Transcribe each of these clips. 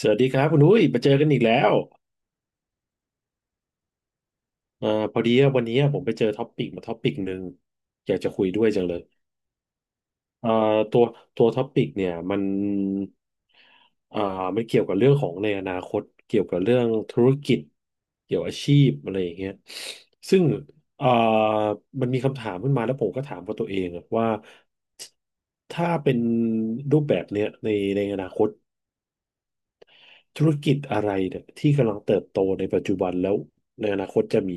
สวัสดีครับคุณอุ้ยมาเจอกันอีกแล้วเอ่อพอดีว่าวันนี้ผมไปเจอท็อปปิกมาท็อปปิกหนึ่งอยากจะคุยด้วยจังเลยเอ่อตัวตัวท็อปปิกเนี่ยมันอ่ามันเกี่ยวกับเรื่องของในอนาคตเกี่ยวกับเรื่องธุรกิจเกี่ยวอาชีพอะไรอย่างเงี้ยซึ่งเอ่อมันมีคำถามขึ้นมาแล้วผมก็ถามกับตัวเองอะว่าถ้าเป็นรูปแบบเนี้ยในอนาคตธุรกิจอะไรเนี่ยที่กำลังเติบโตในปัจจุบันแล้วในอนาคตจะมี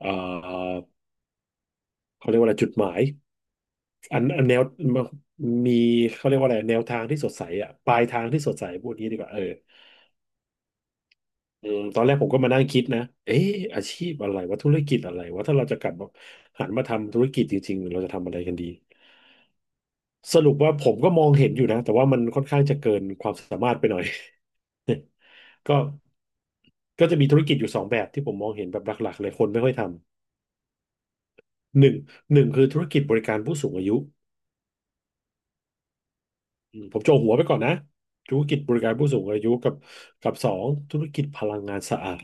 เอ่อเขาเรียกว่าอะไรจุดหมายอันแนวมีเขาเรียกว่าอะไรแนวทางที่สดใสอ่ะปลายทางที่สดใสพูดงี้ดีกว่าเอออืมตอนแรกผมก็มานั่งคิดนะเอ๊ะอาชีพอะไรว่าธุรกิจอะไรว่าถ้าเราจะกลับมาหันมาทำธุรกิจจริงๆเราจะทำอะไรกันดีสรุปว่าผมก็มองเห็นอยู่นะแต่ว่ามันค่อนข้างจะเกินความสามารถไปหน่อย ก็ก็จะมีธุรกิจอยู่สองแบบที่ผมมองเห็นแบบหลักๆเลยคนไม่ค่อยทำหนึ่งคือธุรกิจบริการผู้สูงอายุ อืมผมโจหัวไปก่อนนะธุรกิจบริการผู้สูงอายุกับสองธุรกิจพลังงานสะอาด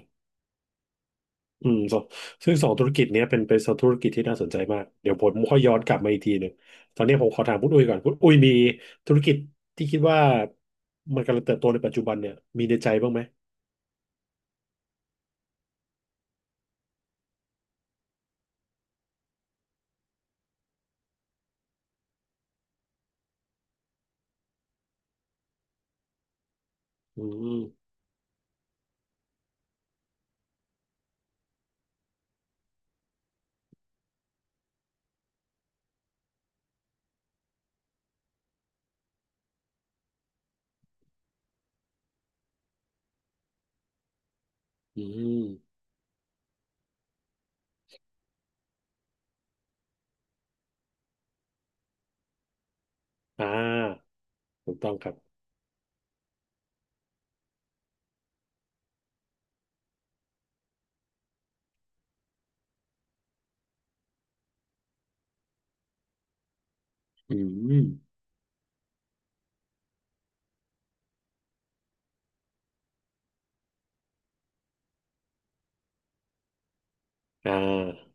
อืมสองซึ่งสองธุรกิจเนี้ยเป็นสองธุรกิจที่น่าสนใจมากเดี๋ยวผมค่อยย้อนกลับมาอีกทีหนึ่งตอนนี้ผมขอถามคุณอุ้ยก่อนคุณอุ้ยมีธุรกิจที่คิดว่ามันกำลังเติบโตในปัจจุบันเนี่ยมีในใจบ้างไหมอืมอืมอ่าถูกต้องครับอืมอ่า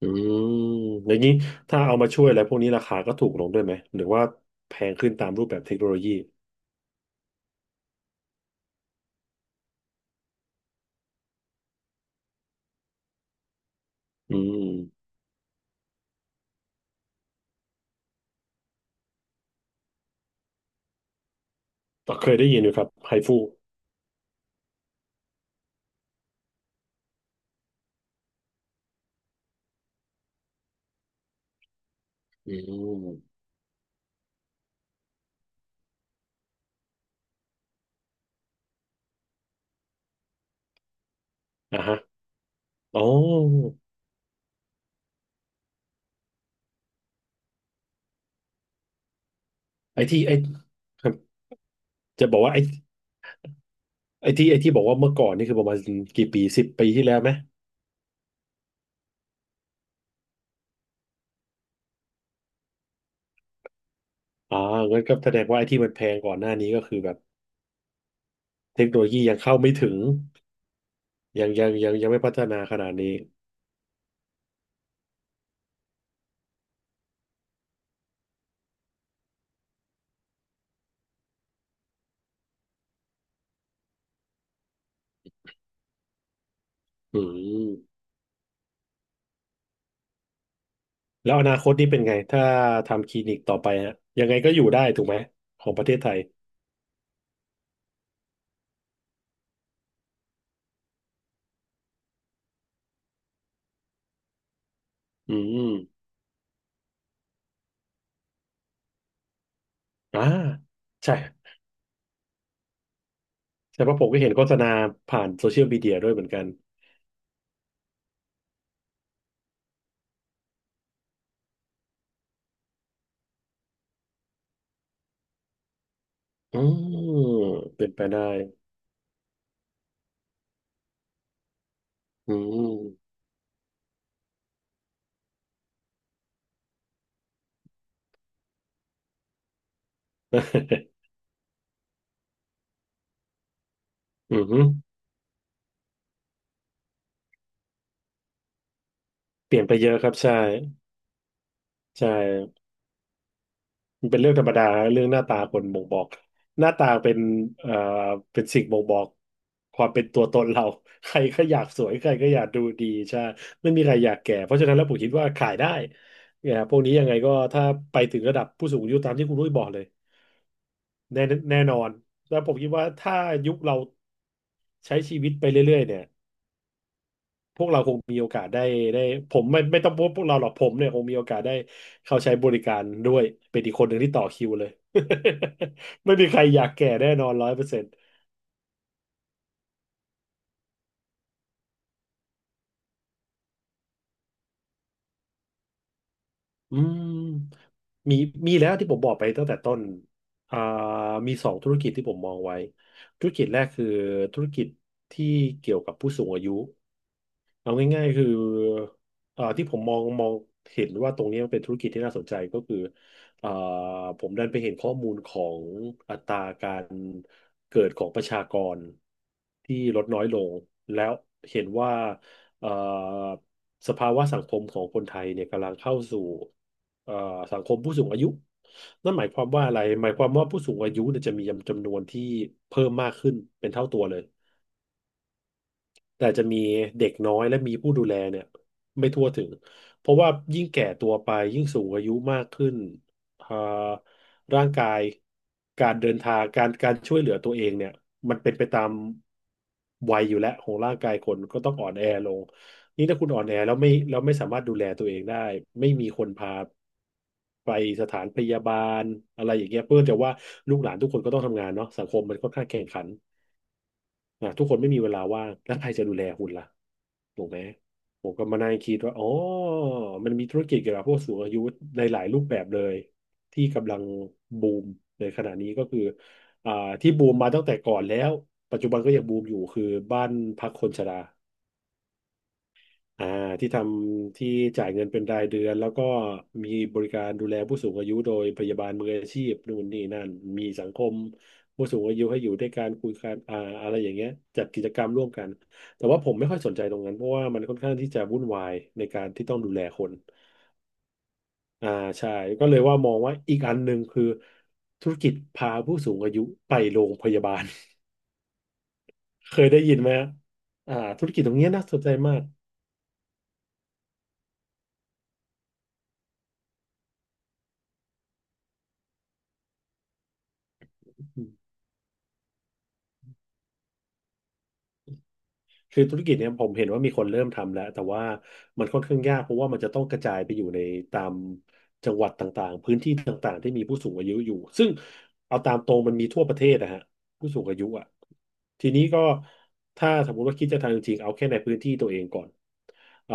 อืมอย่างนี้ถ้าเอามาช่วยอะไรพวกนี้ราคาก็ถูกลงด้วยไหมหรือว่าแพงขึ้นตามรูปแบบเทคโนโลยี อืมก็เคยได้ยินอยู่ครับไฮฟูอืมอ่ะฮะอ๋อไอที่ครับจะบอกว่าไอที่บอกว่าเมื่อก่อนนี่คือประมาณกี่ปีสิบปีที่แล้วไหมอ่างั้นก็แสดงว่าไอที่มันแพงก่อนหน้านี้ก็คือแบบเทคโนโลยียังเข้าไม่ถึงยังไม่พัฒนาขนาดนี้อืมแล้วอนาคตนี่เป็นไงถ้าทำคลินิกต่อไปฮะยังไงก็อยู่ได้ถูกไหมของประเทศไทยอืมอ่าใช่ใช่เพราะผมก็เห็นโฆษณาผ่านโซเชียลมีเดียด้วยเหมือนกัน อืมเป็นไปได้อืม อือฮึเปลี่ยนไปเยอะครับใช่ใช่มันเป็นเรื่องธรรมดาเรื่องหน้าตาคนบ่งบอกหน้าตาเป็นเอ่อเป็นสิ่งบ่งบอกความเป็นตัวตนเรา ใครก็อยากสวยใครก็อยากดูดีใช่ไม่มีใครอยากแก่เพราะฉะนั้นแล้วผมคิดว่าขายได้เนี่ยพวกนี้ยังไงก็ถ้าไปถึงระดับผู้สูงอายุตามที่คุณรุ้ยบอกเลยแน่แน่นอนแล้วผมคิดว่าถ้ายุคเราใช้ชีวิตไปเรื่อยๆเนี่ย พวกเราคงมีโอกาสได้ผมไม่ต้องพวกเราหรอกผมเนี่ยคงมีโอกาสได้เข้าใช้บริการด้วยเป็นอีกคนหนึ่งที่ต่อคิวเลย ไม่มีใครอยากแก่แน่นอนร้อยเปอร์เซ็นต์อืมมีมีแล้วที่ผมบอกไปตั้งแต่ต้นอ่ามีสองธุรกิจที่ผมมองไว้ธุรกิจแรกคือธุรกิจที่เกี่ยวกับผู้สูงอายุ เอาง่ายๆคือที่ผมมองเห็นว่าตรงนี้มันเป็นธุรกิจที่น่าสนใจก็คือเอ่อผมดันไปเห็นข้อมูลของอัตราการเกิดของประชากรที่ลดน้อยลงแล้วเห็นว่าเอ่อสภาวะสังคมของคนไทยเนี่ยกำลังเข้าสู่เอ่อสังคมผู้สูงอายุนั่นหมายความว่าอะไรหมายความว่าผู้สูงอายุเนี่ยจะมีจำนวนที่เพิ่มมากขึ้นเป็นเท่าตัวเลย แต่อาจจะมีเด็กน้อยและมีผู้ดูแลเนี่ยไม่ทั่วถึงเพราะว่ายิ่งแก่ตัวไปยิ่งสูงอายุมากขึ้นอ่าร่างกายการเดินทางการช่วยเหลือตัวเองเนี่ยมันเป็นไปตามวัยอยู่แล้วของร่างกายคนก็ต้องอ่อนแอลงนี่ถ้าคุณอ่อนแอแล้วไม่สามารถดูแลตัวเองได้ไม่มีคนพาไปสถานพยาบาลอะไรอย่างเงี้ยเพื่อจะว่าลูกหลานทุกคนก็ต้องทำงานเนาะสังคมมันค่อนข้างแข่งขัน อ่ะทุกคนไม่มีเวลาว่างแล้วใครจะดูแลคุณล่ะถูกไหมผมก็มานั่งคิดว่าอ๋อมันมีธุรกิจเกี่ยวกับพวกสูงอายุในหลายรูปแบบเลยที่กำลังบูมในขณะนี้ก็คืออ่าที่บูมมาตั้งแต่ก่อนแล้วปัจจุบันก็ยังบูมอยู่คือบ้านพักคนชรา อ่าที่ทำที่จ่ายเงินเป็นรายเดือนแล้วก็มีบริการดูแลผู้สูงอายุโดยพยาบาลมืออาชีพนู่นนี่นั่นมีสังคมผู้สูงอายุให้อยู่ด้วยการคุยกันอะไรอย่างเงี้ยจัดกิจกรรมร่วมกันแต่ว่าผมไม่ค่อยสนใจตรงนั้นเพราะว่ามันค่อนข้างที่จะวุ่นวายในการที่ต้องดูแลคนอ่าใช่ก็เลยว่ามองว่าอีกอันหนึ่งคือธุรกิจพาผู้สูงอายุไปโรงพยาบาล เคยได้ยินไหมฮะอ่าธุรกิจตรงเนี้ยน่าสนใจมาก คือธุรกิจเนี่ยผมเห็นว่ามีคนเริ่มทำแล้วแต่ว่ามันค่อนข้างยากเพราะว่ามันจะต้องกระจายไปอยู่ในตามจังหวัดต่างๆพื้นที่ต่างๆที่มีผู้สูงอายุอยู่ซึ่งเอาตามตรงมันมีทั่วประเทศนะฮะผู้สูงอายุอ่ะทีนี้ก็ถ้าสมมติว่าคิดจะทำจริงๆเอาแค่ในพื้นที่ตัวเองก่อนเอ่อ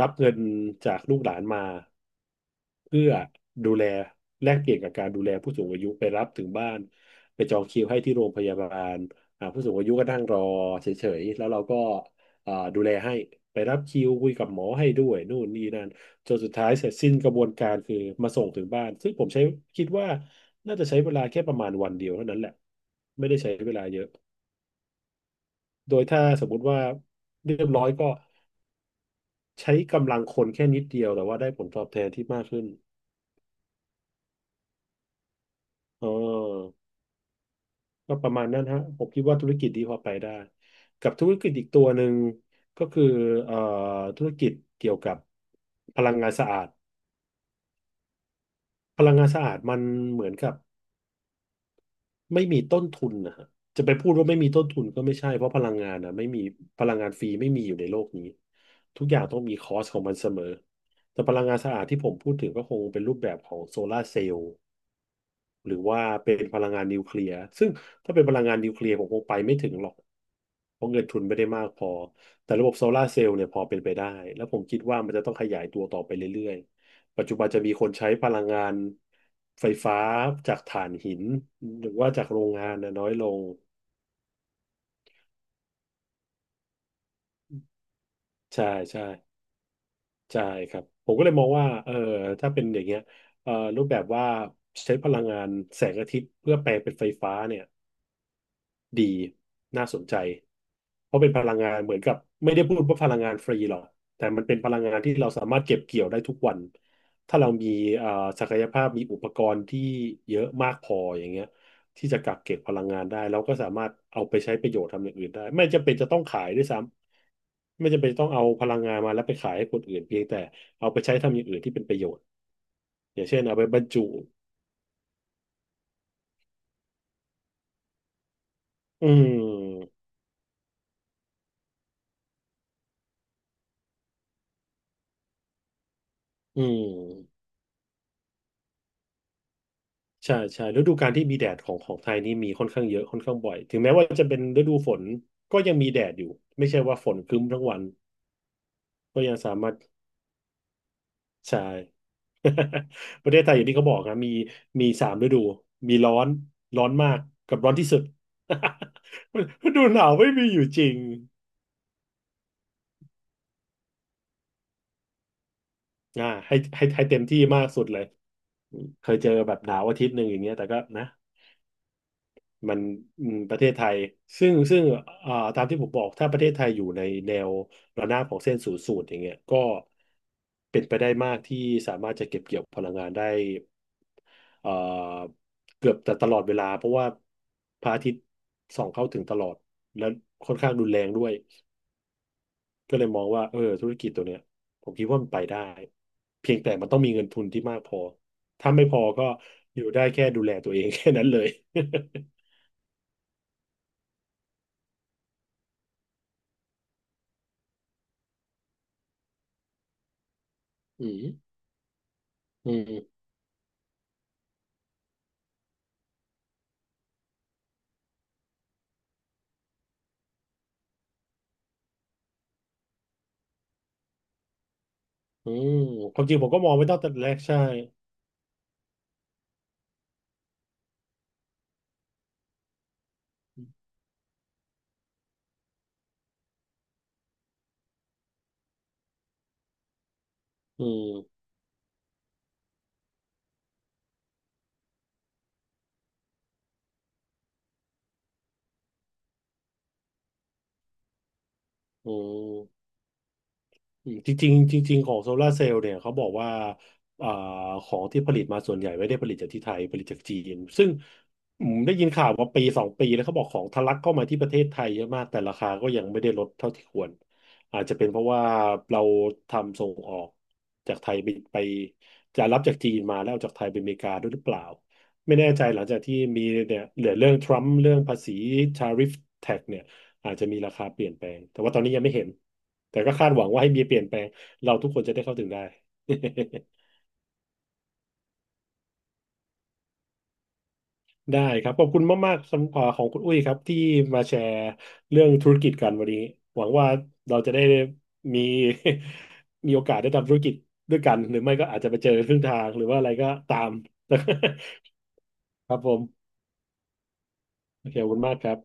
รับเงินจากลูกหลานมา เพื่อดูแลแลกเปลี่ยนกับการดูแลผู้สูงอายุไปรับถึงบ้านไปจองคิวให้ที่โรงพยาบาลผู้สูงอายุก็นั่งรอเฉยๆแล้วเราก็ดูแลให้ไปรับคิวคุยกับหมอให้ด้วยนู่นนี่นั่นจนสุดท้ายเสร็จสิ้นกระบวนการคือมาส่งถึงบ้านซึ่งผมใช้คิดว่าน่าจะใช้เวลาแค่ประมาณวันเดียวเท่านั้นแหละไม่ได้ใช้เวลาเยอะโดยถ้าสมมุติว่าเรียบร้อยก็ใช้กำลังคนแค่นิดเดียวแต่ว่าได้ผลตอบแทนที่มากขึ้นอ๋อ ก็ประมาณนั้นฮะผมคิดว่าธุรกิจนี้พอไปได้กับธุรกิจอีกตัวหนึ่งก็คือเอ่อธุรกิจเกี่ยวกับพลังงานสะอาดพลังงานสะอาดมันเหมือนกับไม่มีต้นทุนนะฮะจะไปพูดว่าไม่มีต้นทุนก็ไม่ใช่เพราะพลังงานนะไม่มีพลังงานฟรีไม่มีอยู่ในโลกนี้ทุกอย่างต้องมีคอสของมันเสมอแต่พลังงานสะอาดที่ผมพูดถึงก็คงเป็นรูปแบบของโซลาร์เซลล์ หรือว่าเป็นพลังงานนิวเคลียร์ซึ่งถ้าเป็นพลังงานนิวเคลียร์ผมคงไปไม่ถึงหรอกเพราะเงินทุนไม่ได้มากพอแต่ระบบโซลาร์เซลล์เนี่ยพอเป็นไปได้แล้วผมคิดว่ามันจะต้องขยายตัวต่อไปเรื่อยๆปัจจุบันจะมีคนใช้พลังงานไฟฟ้าจากถ่านหินหรือว่าจากโรงงานนะน้อยลงใช่ใช่ใช่ครับผมก็เลยมองว่าเออถ้าเป็นอย่างเงี้ยเออรูปแบบว่าใช้พลังงานแสงอาทิตย์เพื่อแปลงเป็นไฟฟ้าเนี่ย ดีน่าสนใจเพราะเป็นพลังงานเหมือนกับไม่ได้พูดว่าพลังงานฟรีหรอกแต่มันเป็นพลังงานที่เราสามารถเก็บเกี่ยวได้ทุกวันถ้าเรามีเอ่อศักยภาพมีอุปกรณ์ที่เยอะมากพออย่างเงี้ยที่จะกักเก็บพลังงานได้เราก็สามารถเอาไปใช้ประโยชน์ทำอย่างอื่นได้ไม่จำเป็นจะต้องขายด้วยซ้ำไม่จำเป็นต้องเอาพลังงานมาแล้วไปขายให้คนอื่นเพียงแต่เอาไปใช้ทำอย่างอื่นที่เป็นประโยชน์อย่างเช่นเอาไปบรรจุอืมอืม ใช่ใช่ฤดูกาลที่มีแดดของของไทยนี่มีค่อนข้างเยอะค่อนข้างบ่อยถึงแม้ว่าจะเป็นฤดูฝนก็ยังมีแดดอยู่ไม่ใช่ว่าฝนครึ้มทั้งวันก็ยังสามารถใช่ ประเทศไทยอย่างที่เขาบอกนะมีสามฤดูมีร้อนร้อนมากกับร้อนที่สุด ฤดูหนาวไม่มีอยู่จริงให้เต็มที่มากสุดเลยเคยเจอแบบหนาวอาทิตย์หนึ่งอย่างเงี้ยแต่ก็นะ มันอืมประเทศไทยซึ่งตามที่ผมบอกถ้าประเทศไทยอยู่ในแนวระนาบของเส้นศูนย์สูตรอย่างเงี้ยก็เป็นไปได้มากที่สามารถจะเก็บเกี่ยวพลังงานได้เอ่อเกือบแต่ตลอดเวลาเพราะว่าพระอาทิตย์ส่องเข้าถึงตลอดและค่อนข้างรุนแรงด้วยก็เลยมองว่าเออธุรกิจตัวเนี้ยผมคิดว่ามันไปได้เพียงแต่มันต้องมีเงินทุนที่มากพอถ้าไม่พอก็อยู่ได้แค่ดูแลตัวเอง แค่นั้นเลยอืมอืม อืมความจริงผมก็มองไม่ตั้งแต่แรกใช่อืมอืม อืมจริงๆจริงๆของโซลาร์เซลล์เนี่ยเขาบอกว่าอ่าของที่ผลิตมาส่วนใหญ่ไม่ได้ผลิตจากที่ไทยผลิตจากจีนซึ่งอืมได้ยินข่าวมาปีสองปีแล้วเขาบอกของทะลักเข้ามาที่ประเทศไทยเยอะมากแต่ราคาก็ยังไม่ได้ลดเท่าที่ควรอาจจะเป็นเพราะว่าเราทำส่งออกจากไทยไปจะรับจากจีนมาแล้วเอาจากไทยไปอเมริกาด้วยหรือเปล่าไม่แน่ใจหลังจากที่มีเนี่ยเหลือเรื่องทรัมป์เรื่องภาษีทาริฟแท็กเนี่ย อาจจะมีราคาเปลี่ยนแปลงแต่ว่าตอนนี้ยังไม่เห็น แต่ก็คาดหวังว่าให้มีเปลี่ยนแปลงเราทุกคนจะได้เข้าถึงได้ ได้ครับขอบคุณมากๆสำหรับของคุณอุ้ยครับที่มาแชร์เรื่องธุรกิจกันวันนี้หวังว่าเราจะได้มี มีโอกาสได้ทำธุรกิจด้วยกันหรือไม่ก็อาจจะไปเจอครึ่งทางหรือว่าอะไรก็ตาม ครับผมโอเคขอบคุณมากครับ